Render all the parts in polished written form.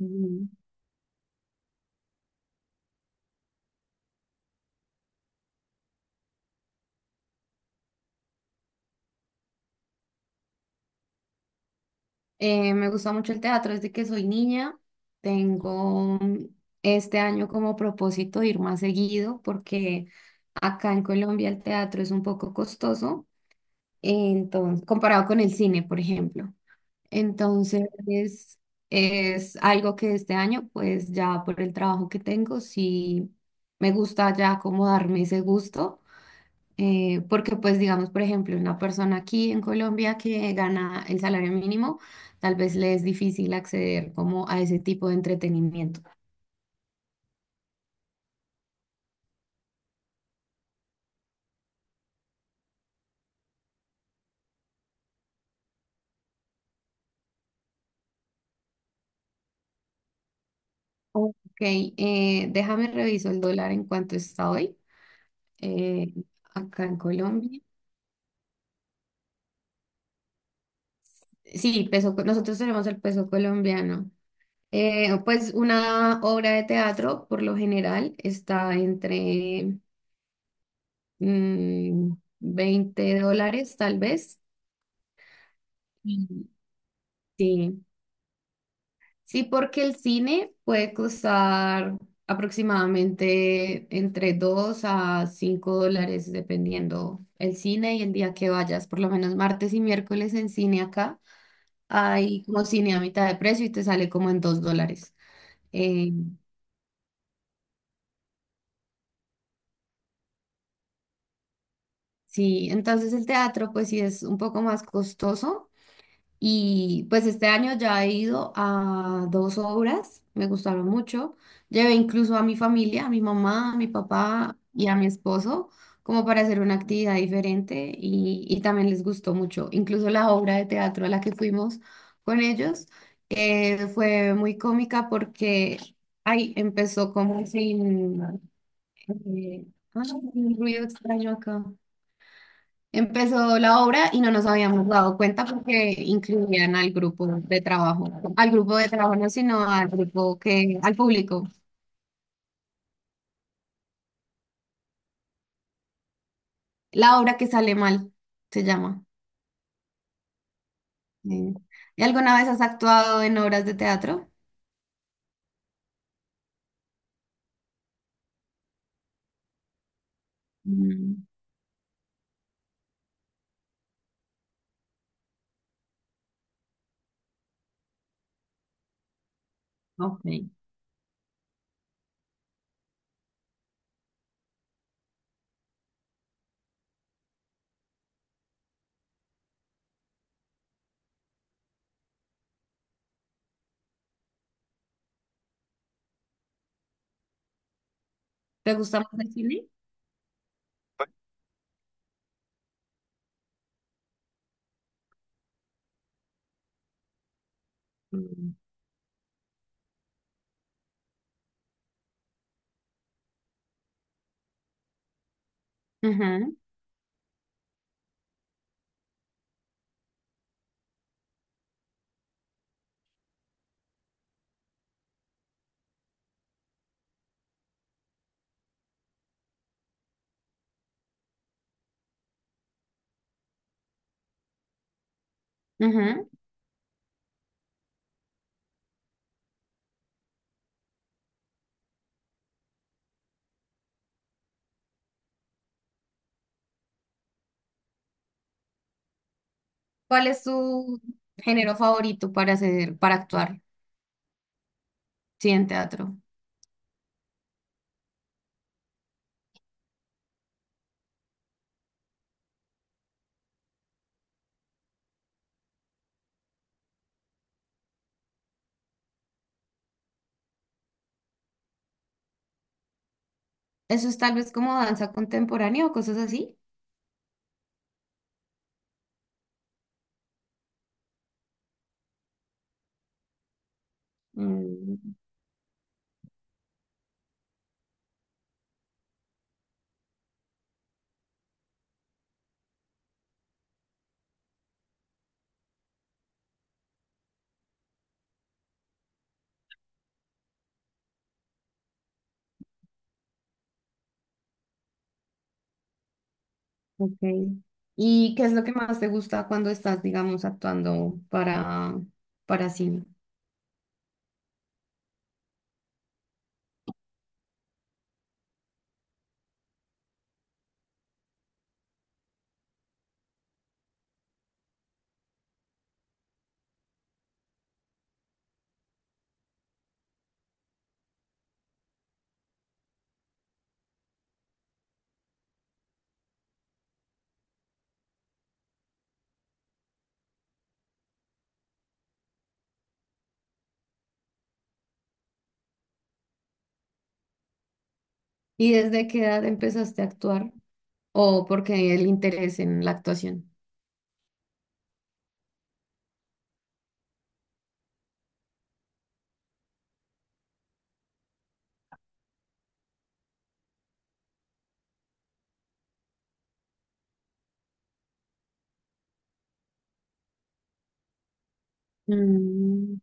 Ujú. Me gusta mucho el teatro desde que soy niña. Tengo este año como propósito ir más seguido porque acá en Colombia el teatro es un poco costoso, entonces, comparado con el cine, por ejemplo. Entonces, es algo que este año, pues ya por el trabajo que tengo, sí me gusta ya como darme ese gusto. Porque pues digamos, por ejemplo, una persona aquí en Colombia que gana el salario mínimo, tal vez le es difícil acceder como a ese tipo de entretenimiento. Ok, déjame reviso el dólar en cuanto está hoy, eh, acá en Colombia. Sí, peso, nosotros tenemos el peso colombiano. Pues una obra de teatro por lo general está entre mm, $20 tal vez. Mm. Sí. Sí, porque el cine puede costar aproximadamente entre $2 a $5, dependiendo el cine y el día que vayas. Por lo menos martes y miércoles en cine acá hay como cine a mitad de precio y te sale como en $2. Eh, sí, entonces el teatro pues sí es un poco más costoso. Y pues este año ya he ido a dos obras, me gustaron mucho. Llevé incluso a mi familia, a mi mamá, a mi papá y a mi esposo, como para hacer una actividad diferente y también les gustó mucho. Incluso la obra de teatro a la que fuimos con ellos fue muy cómica porque ahí empezó como sin, eh, ah, un ruido extraño acá. Empezó la obra y no nos habíamos dado cuenta porque incluían al grupo de trabajo, al grupo de trabajo no, sino al grupo que, al público. La obra que sale mal se llama. Eh, ¿Y alguna vez has actuado en obras de teatro? Mm. Ok. ¿Te gusta más el cine? Mm. Ujú, ujú. ¿Cuál es tu género favorito para hacer, para actuar? Sí, en teatro. Eso es tal vez como danza contemporánea o cosas así. Mm. Ok. ¿Y qué es lo que más te gusta cuando estás, digamos, actuando para cine? ¿Y desde qué edad empezaste a actuar? ¿O porque el interés en la actuación? Mm.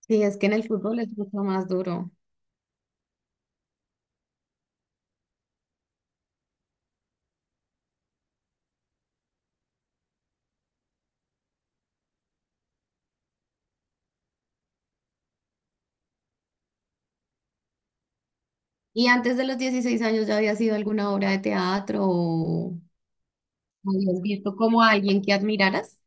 Sí, es que en el fútbol es mucho más duro. ¿Y antes de los 16 años ya había sido alguna obra de teatro o habías visto como a alguien que admiraras?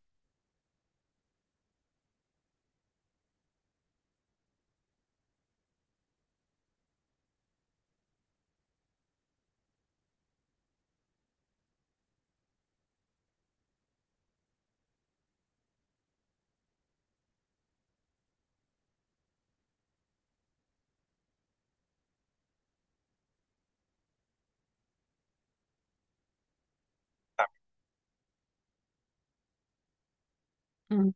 Mm.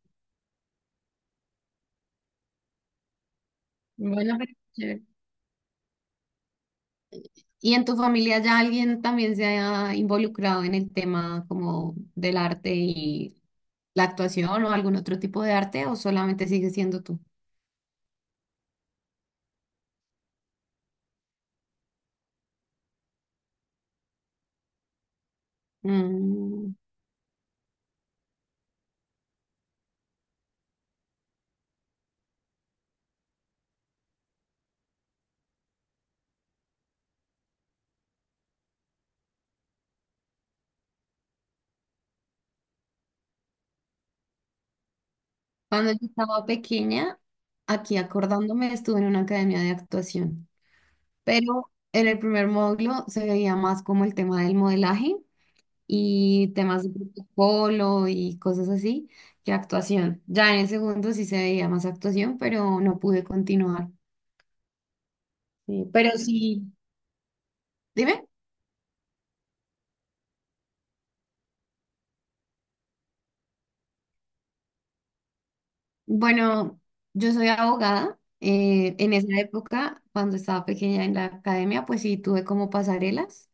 Bueno, pero chévere. ¿Y en tu familia ya alguien también se ha involucrado en el tema como del arte y la actuación o algún otro tipo de arte o solamente sigue siendo tú? Mm. Cuando yo estaba pequeña, aquí acordándome, estuve en una academia de actuación, pero en el primer módulo se veía más como el tema del modelaje y temas de protocolo y cosas así que actuación. Ya en el segundo sí se veía más actuación, pero no pude continuar. Sí, pero sí. Dime. Bueno, yo soy abogada. En esa época, cuando estaba pequeña en la academia, pues sí tuve como pasarelas,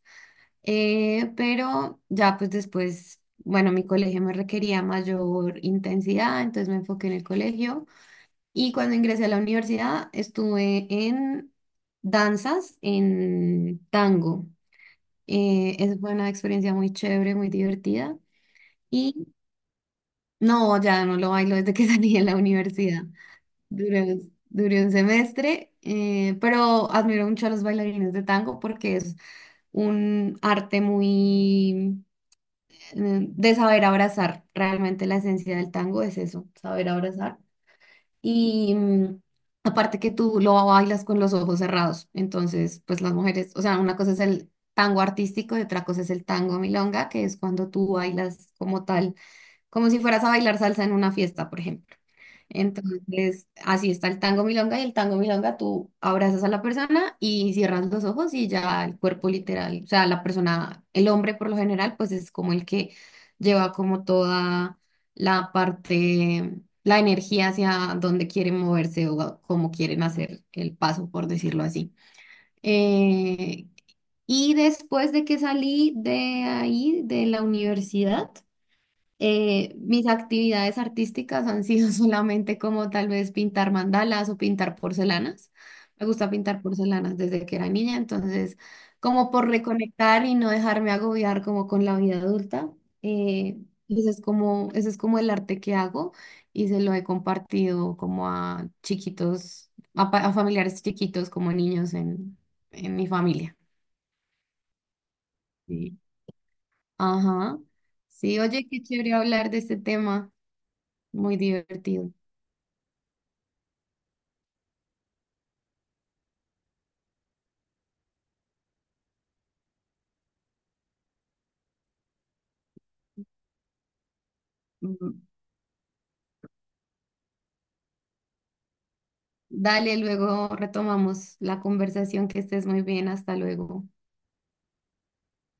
pero ya pues después, bueno, mi colegio me requería mayor intensidad, entonces me enfoqué en el colegio y cuando ingresé a la universidad estuve en danzas, en tango. Esa fue una experiencia muy chévere, muy divertida y no, ya no lo bailo desde que salí de la universidad. Duré, duré un semestre, pero admiro mucho a los bailarines de tango porque es un arte muy de saber abrazar. Realmente la esencia del tango es eso, saber abrazar. Y aparte que tú lo bailas con los ojos cerrados, entonces pues las mujeres, o sea, una cosa es el tango artístico y otra cosa es el tango milonga, que es cuando tú bailas como tal, como si fueras a bailar salsa en una fiesta, por ejemplo. Entonces, así está el tango milonga y el tango milonga, tú abrazas a la persona y cierras los ojos y ya el cuerpo literal, o sea, la persona, el hombre por lo general, pues es como el que lleva como toda la parte, la energía hacia donde quieren moverse o cómo quieren hacer el paso, por decirlo así. Eh, y después de que salí de ahí, de la universidad, mis actividades artísticas han sido solamente como tal vez pintar mandalas o pintar porcelanas. Me gusta pintar porcelanas desde que era niña, entonces como por reconectar y no dejarme agobiar como con la vida adulta. eh, ese es como el arte que hago y se lo he compartido como a chiquitos, a familiares chiquitos como niños en mi familia. Sí. Ajá. Sí, oye, qué chévere hablar de este tema, muy divertido. Mm. Dale, luego retomamos la conversación, que estés muy bien, hasta luego.